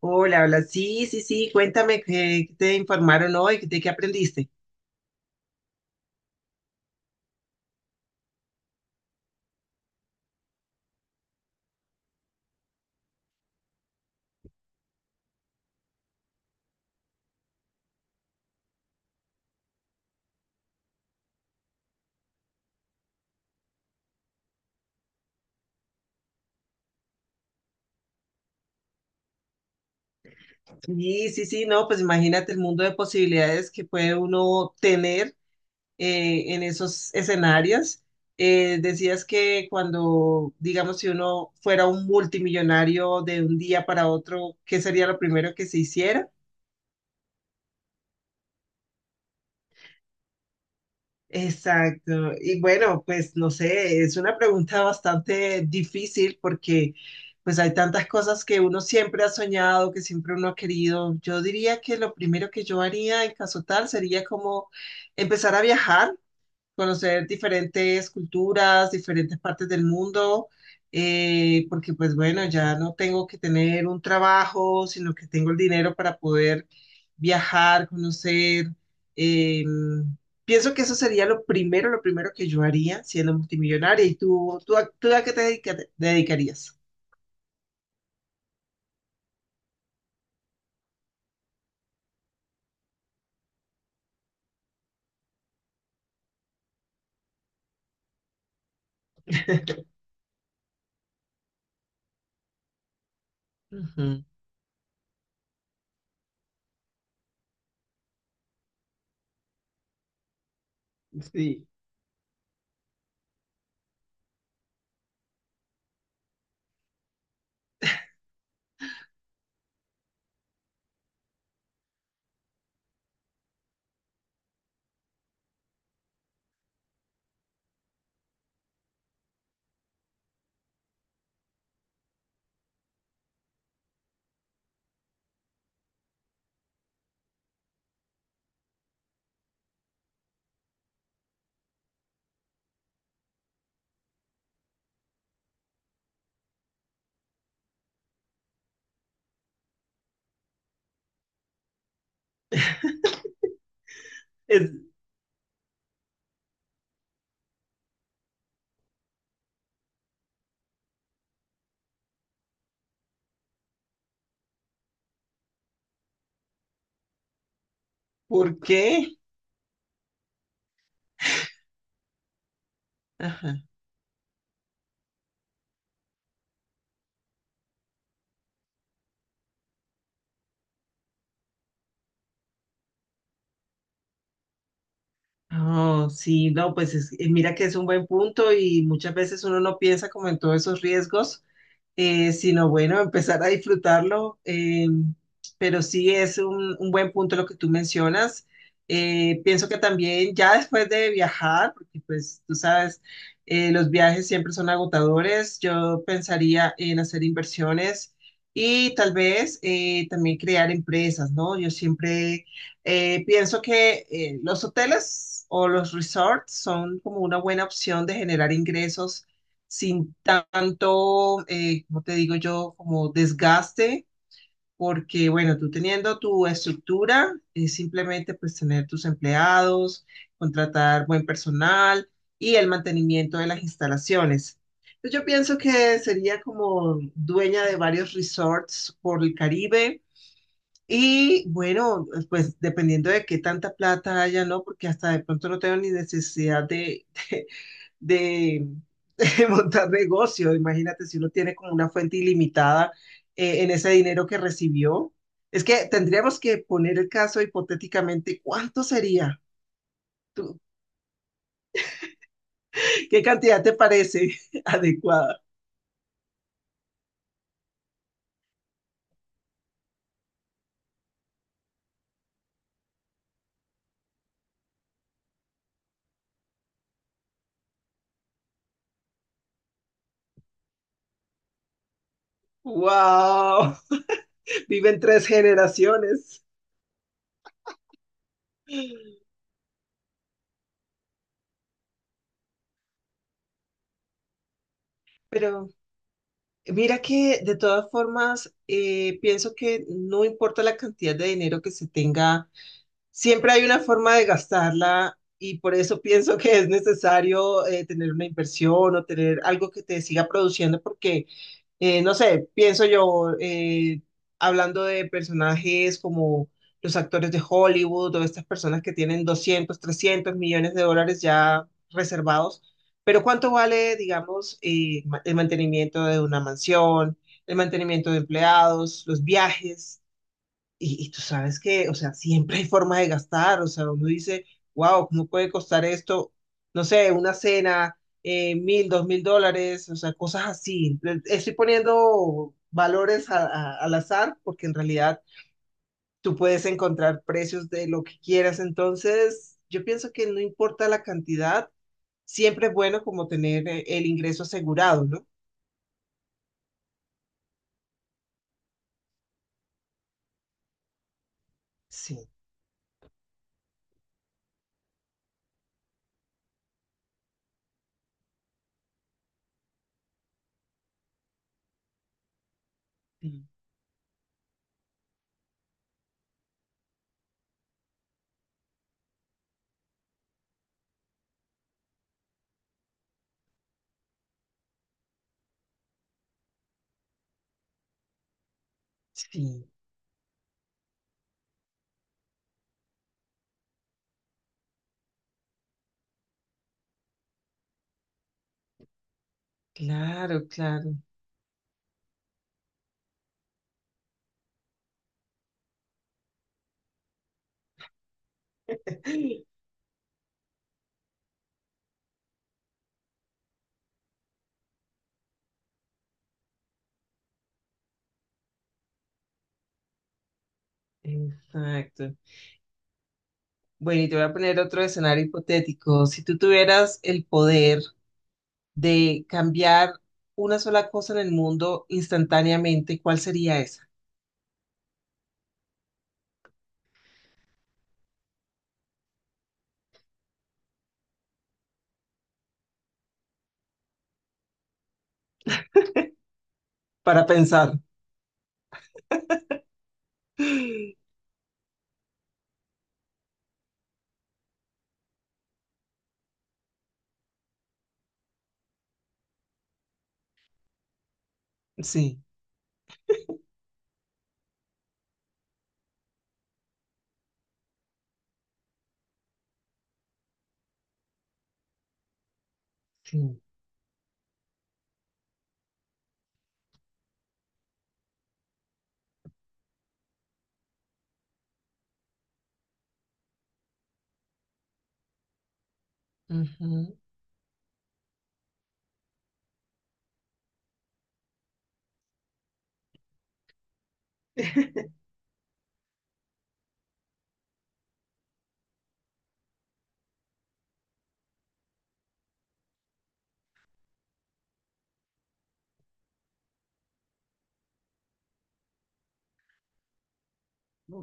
Hola, hola. Sí, sí, sí. Cuéntame qué te informaron hoy, de qué aprendiste. Sí, sí, sí, no, pues imagínate el mundo de posibilidades que puede uno tener en esos escenarios. Decías que cuando, digamos, si uno fuera un multimillonario de un día para otro, ¿qué sería lo primero que se hiciera? Exacto. Y bueno, pues no sé, es una pregunta bastante difícil porque pues hay tantas cosas que uno siempre ha soñado, que siempre uno ha querido. Yo diría que lo primero que yo haría en caso tal sería como empezar a viajar, conocer diferentes culturas, diferentes partes del mundo, porque pues bueno, ya no tengo que tener un trabajo, sino que tengo el dinero para poder viajar, conocer. eh, Pienso que eso sería lo primero que yo haría siendo multimillonaria. ¿Y tú a qué te dedicarías? Ujú. Sí. Es, ¿por qué? Ajá. Oh, sí, no, pues mira que es un buen punto y muchas veces uno no piensa como en todos esos riesgos, sino bueno, empezar a disfrutarlo. Pero sí es un buen punto lo que tú mencionas. Pienso que también ya después de viajar, porque pues tú sabes, los viajes siempre son agotadores, yo pensaría en hacer inversiones. Y tal vez también crear empresas, ¿no? Yo siempre pienso que los hoteles o los resorts son como una buena opción de generar ingresos sin tanto, como te digo yo, como desgaste, porque bueno, tú teniendo tu estructura, es simplemente pues tener tus empleados, contratar buen personal y el mantenimiento de las instalaciones. Pues, yo pienso que sería como dueña de varios resorts por el Caribe. Y bueno, pues dependiendo de qué tanta plata haya, ¿no? Porque hasta de pronto no tengo ni necesidad de, de, de montar negocio. Imagínate si uno tiene como una fuente ilimitada en ese dinero que recibió. Es que tendríamos que poner el caso hipotéticamente, ¿cuánto sería? ¿Tú- ¿Qué cantidad te parece adecuada? ¡Wow! Viven 3 generaciones. Pero mira que de todas formas, pienso que no importa la cantidad de dinero que se tenga. Siempre hay una forma de gastarla y por eso pienso que es necesario tener una inversión o tener algo que te siga produciendo porque, no sé, pienso yo, hablando de personajes como los actores de Hollywood o estas personas que tienen 200 300 millones de dólares ya reservados, pero ¿cuánto vale, digamos, el mantenimiento de una mansión, el mantenimiento de empleados, los viajes? Y tú sabes que, o sea, siempre hay forma de gastar, o sea, uno dice, wow, ¿cómo puede costar esto? No sé, una cena, 1.000, 2.000 dólares, o sea, cosas así. Estoy poniendo valores al azar porque en realidad tú puedes encontrar precios de lo que quieras, entonces yo pienso que no importa la cantidad, siempre es bueno como tener el ingreso asegurado, ¿no? Sí, sí, sí, claro, claro. Exacto. Bueno, y te voy a poner otro escenario hipotético. Si tú tuvieras el poder de cambiar una sola cosa en el mundo instantáneamente, ¿cuál sería esa? Para pensar. Sí, sí. Ujú.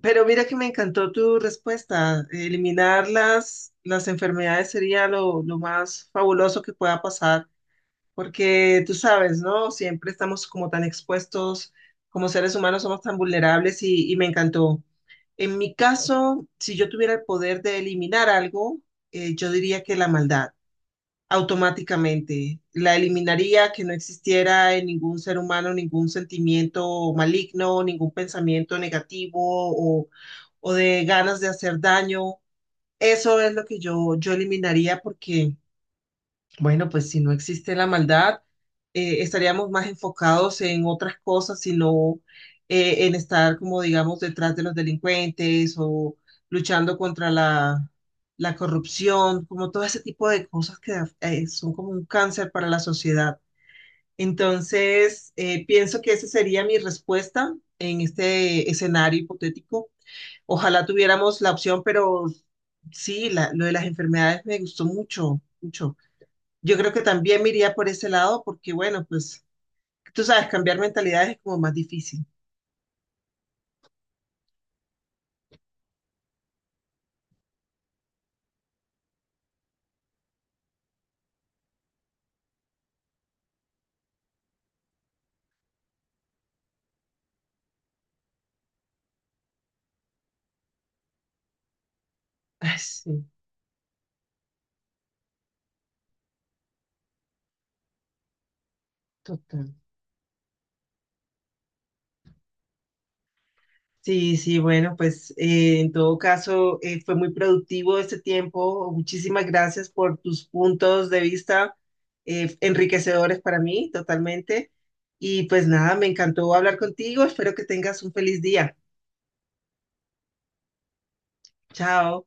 Pero mira que me encantó tu respuesta. Eliminar las enfermedades sería lo más fabuloso que pueda pasar. Porque tú sabes, ¿no? Siempre estamos como tan expuestos, como seres humanos somos tan vulnerables, y me encantó. En mi caso, si yo tuviera el poder de eliminar algo, yo diría que la maldad, automáticamente. La eliminaría, que no existiera en ningún ser humano ningún sentimiento maligno, ningún pensamiento negativo o, o de ganas de hacer daño. Eso es lo que yo eliminaría porque... Bueno, pues si no existe la maldad, estaríamos más enfocados en otras cosas, sino en estar, como digamos, detrás de los delincuentes o luchando contra la corrupción, como todo ese tipo de cosas que son como un cáncer para la sociedad. Entonces, pienso que esa sería mi respuesta en este escenario hipotético. Ojalá tuviéramos la opción, pero sí, lo de las enfermedades me gustó mucho, mucho. Yo creo que también me iría por ese lado porque, bueno, pues tú sabes, cambiar mentalidades es como más difícil. Ay, sí, total. Sí, sí, bueno, pues en todo caso fue muy productivo este tiempo. Muchísimas gracias por tus puntos de vista, enriquecedores para mí, totalmente. Y pues nada, me encantó hablar contigo. Espero que tengas un feliz día. Chao.